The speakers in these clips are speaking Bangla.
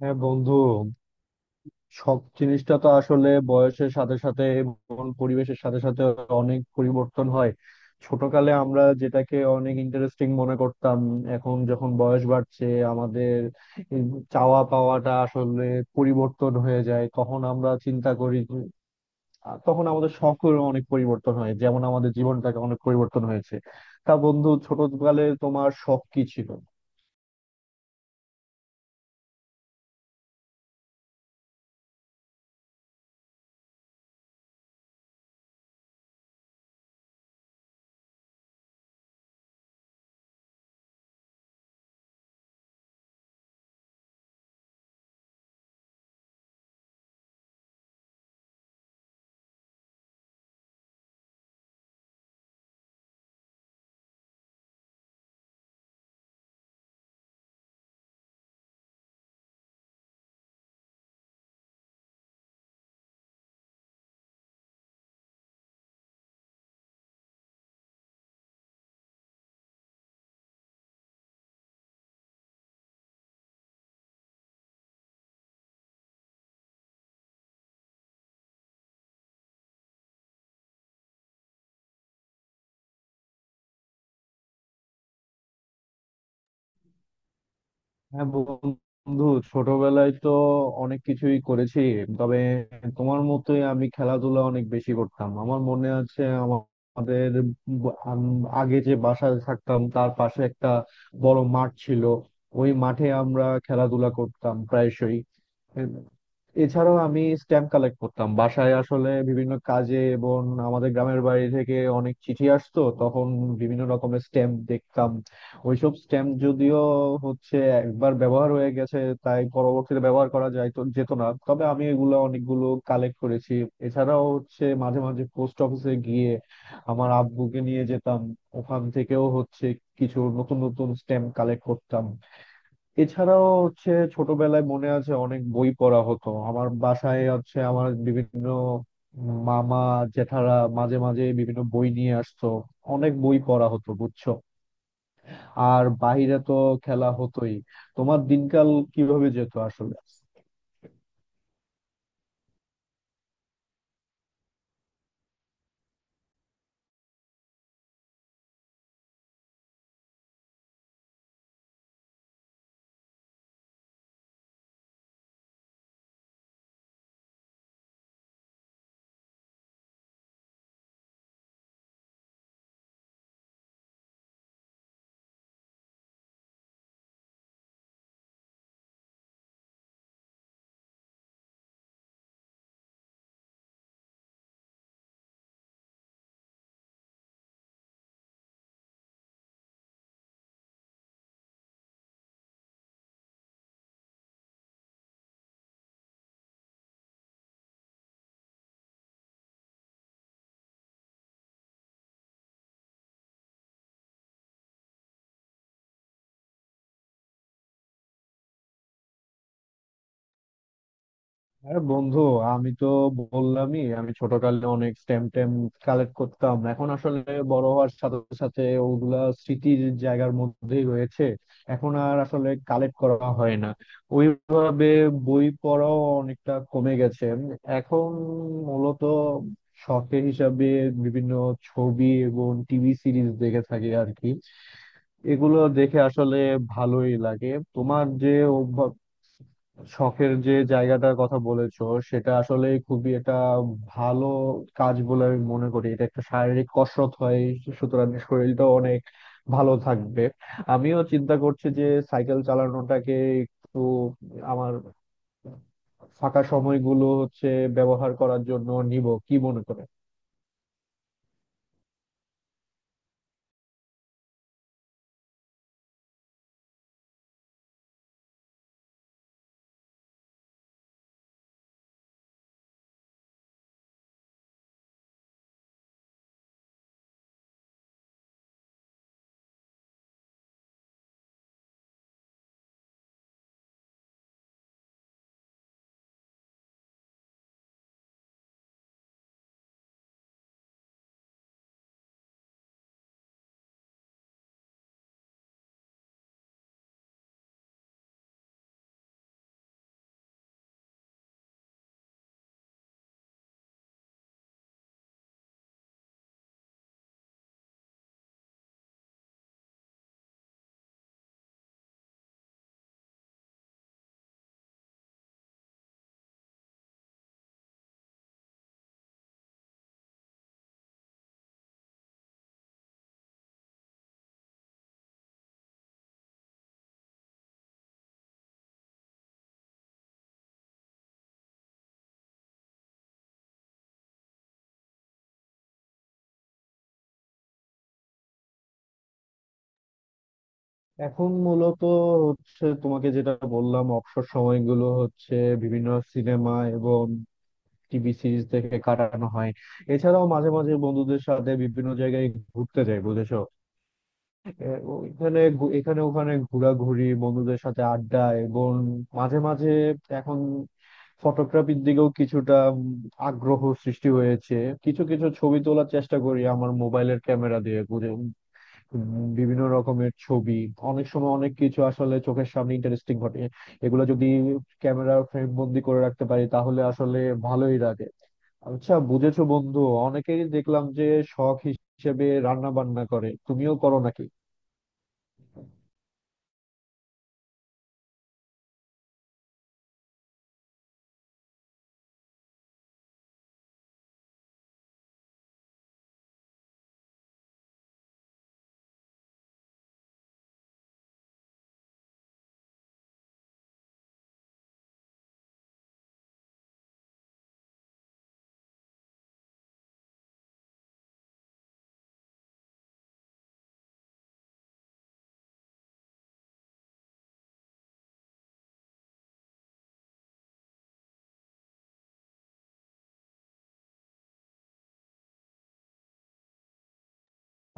হ্যাঁ বন্ধু, শখ জিনিসটা তো আসলে বয়সের সাথে সাথে এবং পরিবেশের সাথে সাথে অনেক পরিবর্তন হয়। ছোটকালে আমরা যেটাকে অনেক ইন্টারেস্টিং মনে করতাম, এখন যখন বয়স বাড়ছে আমাদের এই চাওয়া পাওয়াটা আসলে পরিবর্তন হয়ে যায়। তখন আমরা চিন্তা করি যে, তখন আমাদের শখের অনেক পরিবর্তন হয়, যেমন আমাদের জীবনটাকে অনেক পরিবর্তন হয়েছে। তা বন্ধু, ছোটকালে তোমার শখ কি ছিল? হ্যাঁ বন্ধু, ছোটবেলায় তো অনেক কিছুই করেছি, তবে তোমার মতোই আমি খেলাধুলা অনেক বেশি করতাম। আমার মনে আছে আমাদের আগে যে বাসায় থাকতাম তার পাশে একটা বড় মাঠ ছিল। ওই মাঠে আমরা খেলাধুলা করতাম প্রায়শই। এম, এছাড়াও আমি স্ট্যাম্প কালেক্ট করতাম, বাসায় আসলে বিভিন্ন কাজে এবং আমাদের গ্রামের বাড়ি থেকে অনেক চিঠি আসতো তখন, বিভিন্ন রকমের স্ট্যাম্প দেখতাম। ওইসব স্ট্যাম্প যদিও হচ্ছে একবার ব্যবহার হয়ে গেছে, তাই পরবর্তীতে ব্যবহার করা যায় তো যেত না, তবে আমি এগুলো অনেকগুলো কালেক্ট করেছি। এছাড়াও হচ্ছে মাঝে মাঝে পোস্ট অফিসে গিয়ে, আমার আব্বুকে নিয়ে যেতাম, ওখান থেকেও হচ্ছে কিছু নতুন নতুন স্ট্যাম্প কালেক্ট করতাম। এছাড়াও হচ্ছে ছোটবেলায় মনে আছে অনেক বই পড়া হতো। আমার বাসায় হচ্ছে আমার বিভিন্ন মামা জেঠারা মাঝে মাঝে বিভিন্ন বই নিয়ে আসতো, অনেক বই পড়া হতো বুঝছো। আর বাইরে তো খেলা হতোই। তোমার দিনকাল কিভাবে যেত আসলে? আরে বন্ধু, আমি তো বললামই আমি ছোটকালে অনেক স্ট্যাম্প ট্যাম্প কালেক্ট করতাম। এখন আসলে বড় হওয়ার সাথে সাথে ওগুলা স্মৃতির জায়গার মধ্যেই রয়েছে, এখন আর আসলে কালেক্ট করা হয় না ওইভাবে। বই পড়াও অনেকটা কমে গেছে এখন। মূলত শখের হিসাবে বিভিন্ন ছবি এবং টিভি সিরিজ দেখে থাকি আর কি। এগুলো দেখে আসলে ভালোই লাগে। তোমার যে অভ্যাস, শখের যে জায়গাটার কথা বলেছো, সেটা আসলে খুবই একটা ভালো কাজ বলে আমি মনে করি। এটা একটা শারীরিক কসরত হয়, সুতরাং শরীরটা অনেক ভালো থাকবে। আমিও চিন্তা করছি যে সাইকেল চালানোটাকে একটু আমার ফাঁকা সময়গুলো হচ্ছে ব্যবহার করার জন্য নিব, কি মনে করে? এখন মূলত হচ্ছে তোমাকে যেটা বললাম, অবসর সময়গুলো হচ্ছে বিভিন্ন সিনেমা এবং টিভি সিরিজ দেখে কাটানো হয়। এছাড়াও মাঝে মাঝে বন্ধুদের সাথে বিভিন্ন জায়গায় ঘুরতে যাই বুঝেছো। এ, এখানে ওখানে ঘোরাঘুরি, বন্ধুদের সাথে আড্ডা এবং মাঝে মাঝে এখন ফটোগ্রাফির দিকেও কিছুটা আগ্রহ সৃষ্টি হয়েছে। কিছু কিছু ছবি তোলার চেষ্টা করি আমার মোবাইলের ক্যামেরা দিয়ে, উম, বিভিন্ন রকমের ছবি। অনেক সময় অনেক কিছু আসলে চোখের সামনে ইন্টারেস্টিং ঘটে, এগুলো যদি ক্যামেরা ফ্রেম বন্দি করে রাখতে পারি তাহলে আসলে ভালোই লাগে। আচ্ছা বুঝেছো বন্ধু, অনেকেই দেখলাম যে শখ হিসেবে রান্না বান্না করে, তুমিও করো নাকি?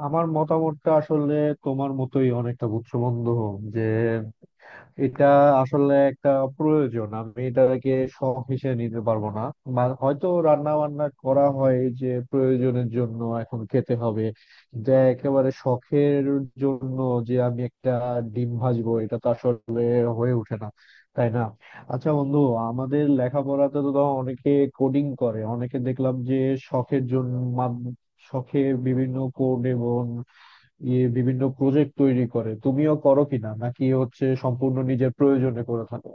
আমার মতামতটা আসলে তোমার মতোই অনেকটা বুঝছো বন্ধু, যে এটা আসলে একটা প্রয়োজন, আমি এটাকে শখ হিসেবে নিতে পারবো না। হয়তো রান্না বান্না করা হয় যে প্রয়োজনের জন্য এখন খেতে হবে, কিন্তু একেবারে শখের জন্য যে আমি একটা ডিম ভাজবো, এটা তো আসলে হয়ে ওঠে না, তাই না। আচ্ছা বন্ধু, আমাদের লেখাপড়াতে তো ধরো অনেকে কোডিং করে, অনেকে দেখলাম যে শখের জন্য শখে বিভিন্ন কোড এবং ইয়ে বিভিন্ন প্রজেক্ট তৈরি করে, তুমিও করো কিনা নাকি হচ্ছে সম্পূর্ণ নিজের প্রয়োজনে করে থাকো?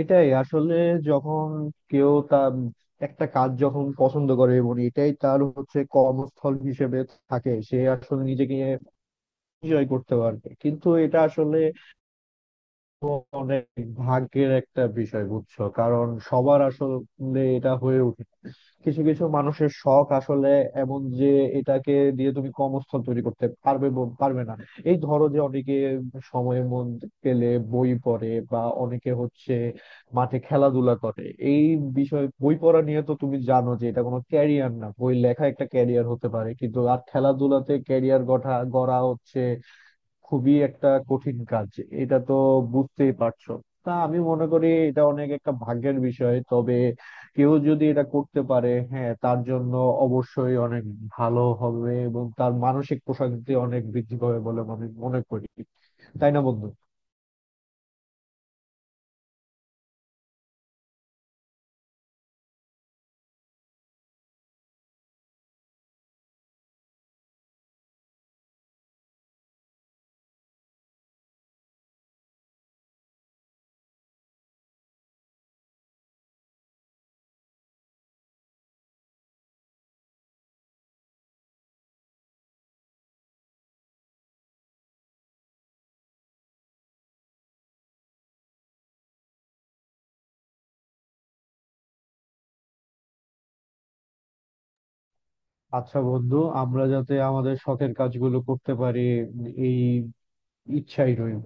এটাই আসলে, যখন কেউ তার একটা কাজ যখন পছন্দ করে এবং এটাই তার হচ্ছে কর্মস্থল হিসেবে থাকে, সে আসলে নিজেকে এনজয় করতে পারবে, কিন্তু এটা আসলে অনেক ভাগ্যের একটা বিষয় বুঝছো, কারণ সবার আসলে এটা হয়ে ওঠে না। কিছু কিছু মানুষের শখ আসলে এমন যে এটাকে দিয়ে তুমি কর্মস্থল তৈরি করতে পারবে পারবে না। এই ধরো যে অনেকে সময় মন পেলে বই পড়ে, বা অনেকে হচ্ছে মাঠে খেলাধুলা করে। এই বিষয়ে বই পড়া নিয়ে তো তুমি জানো যে এটা কোনো ক্যারিয়ার না, বই লেখা একটা ক্যারিয়ার হতে পারে কিন্তু, আর খেলাধুলাতে ক্যারিয়ার গড়া হচ্ছে খুবই একটা কঠিন কাজ, এটা তো বুঝতেই পারছো। তা আমি মনে করি এটা অনেক একটা ভাগ্যের বিষয়, তবে কেউ যদি এটা করতে পারে, হ্যাঁ, তার জন্য অবশ্যই অনেক ভালো হবে এবং তার মানসিক প্রশান্তি অনেক বৃদ্ধি পাবে বলে আমি মনে করি, তাই না বন্ধু। আচ্ছা বন্ধু, আমরা যাতে আমাদের শখের কাজগুলো করতে পারি, এই ইচ্ছাই রইল।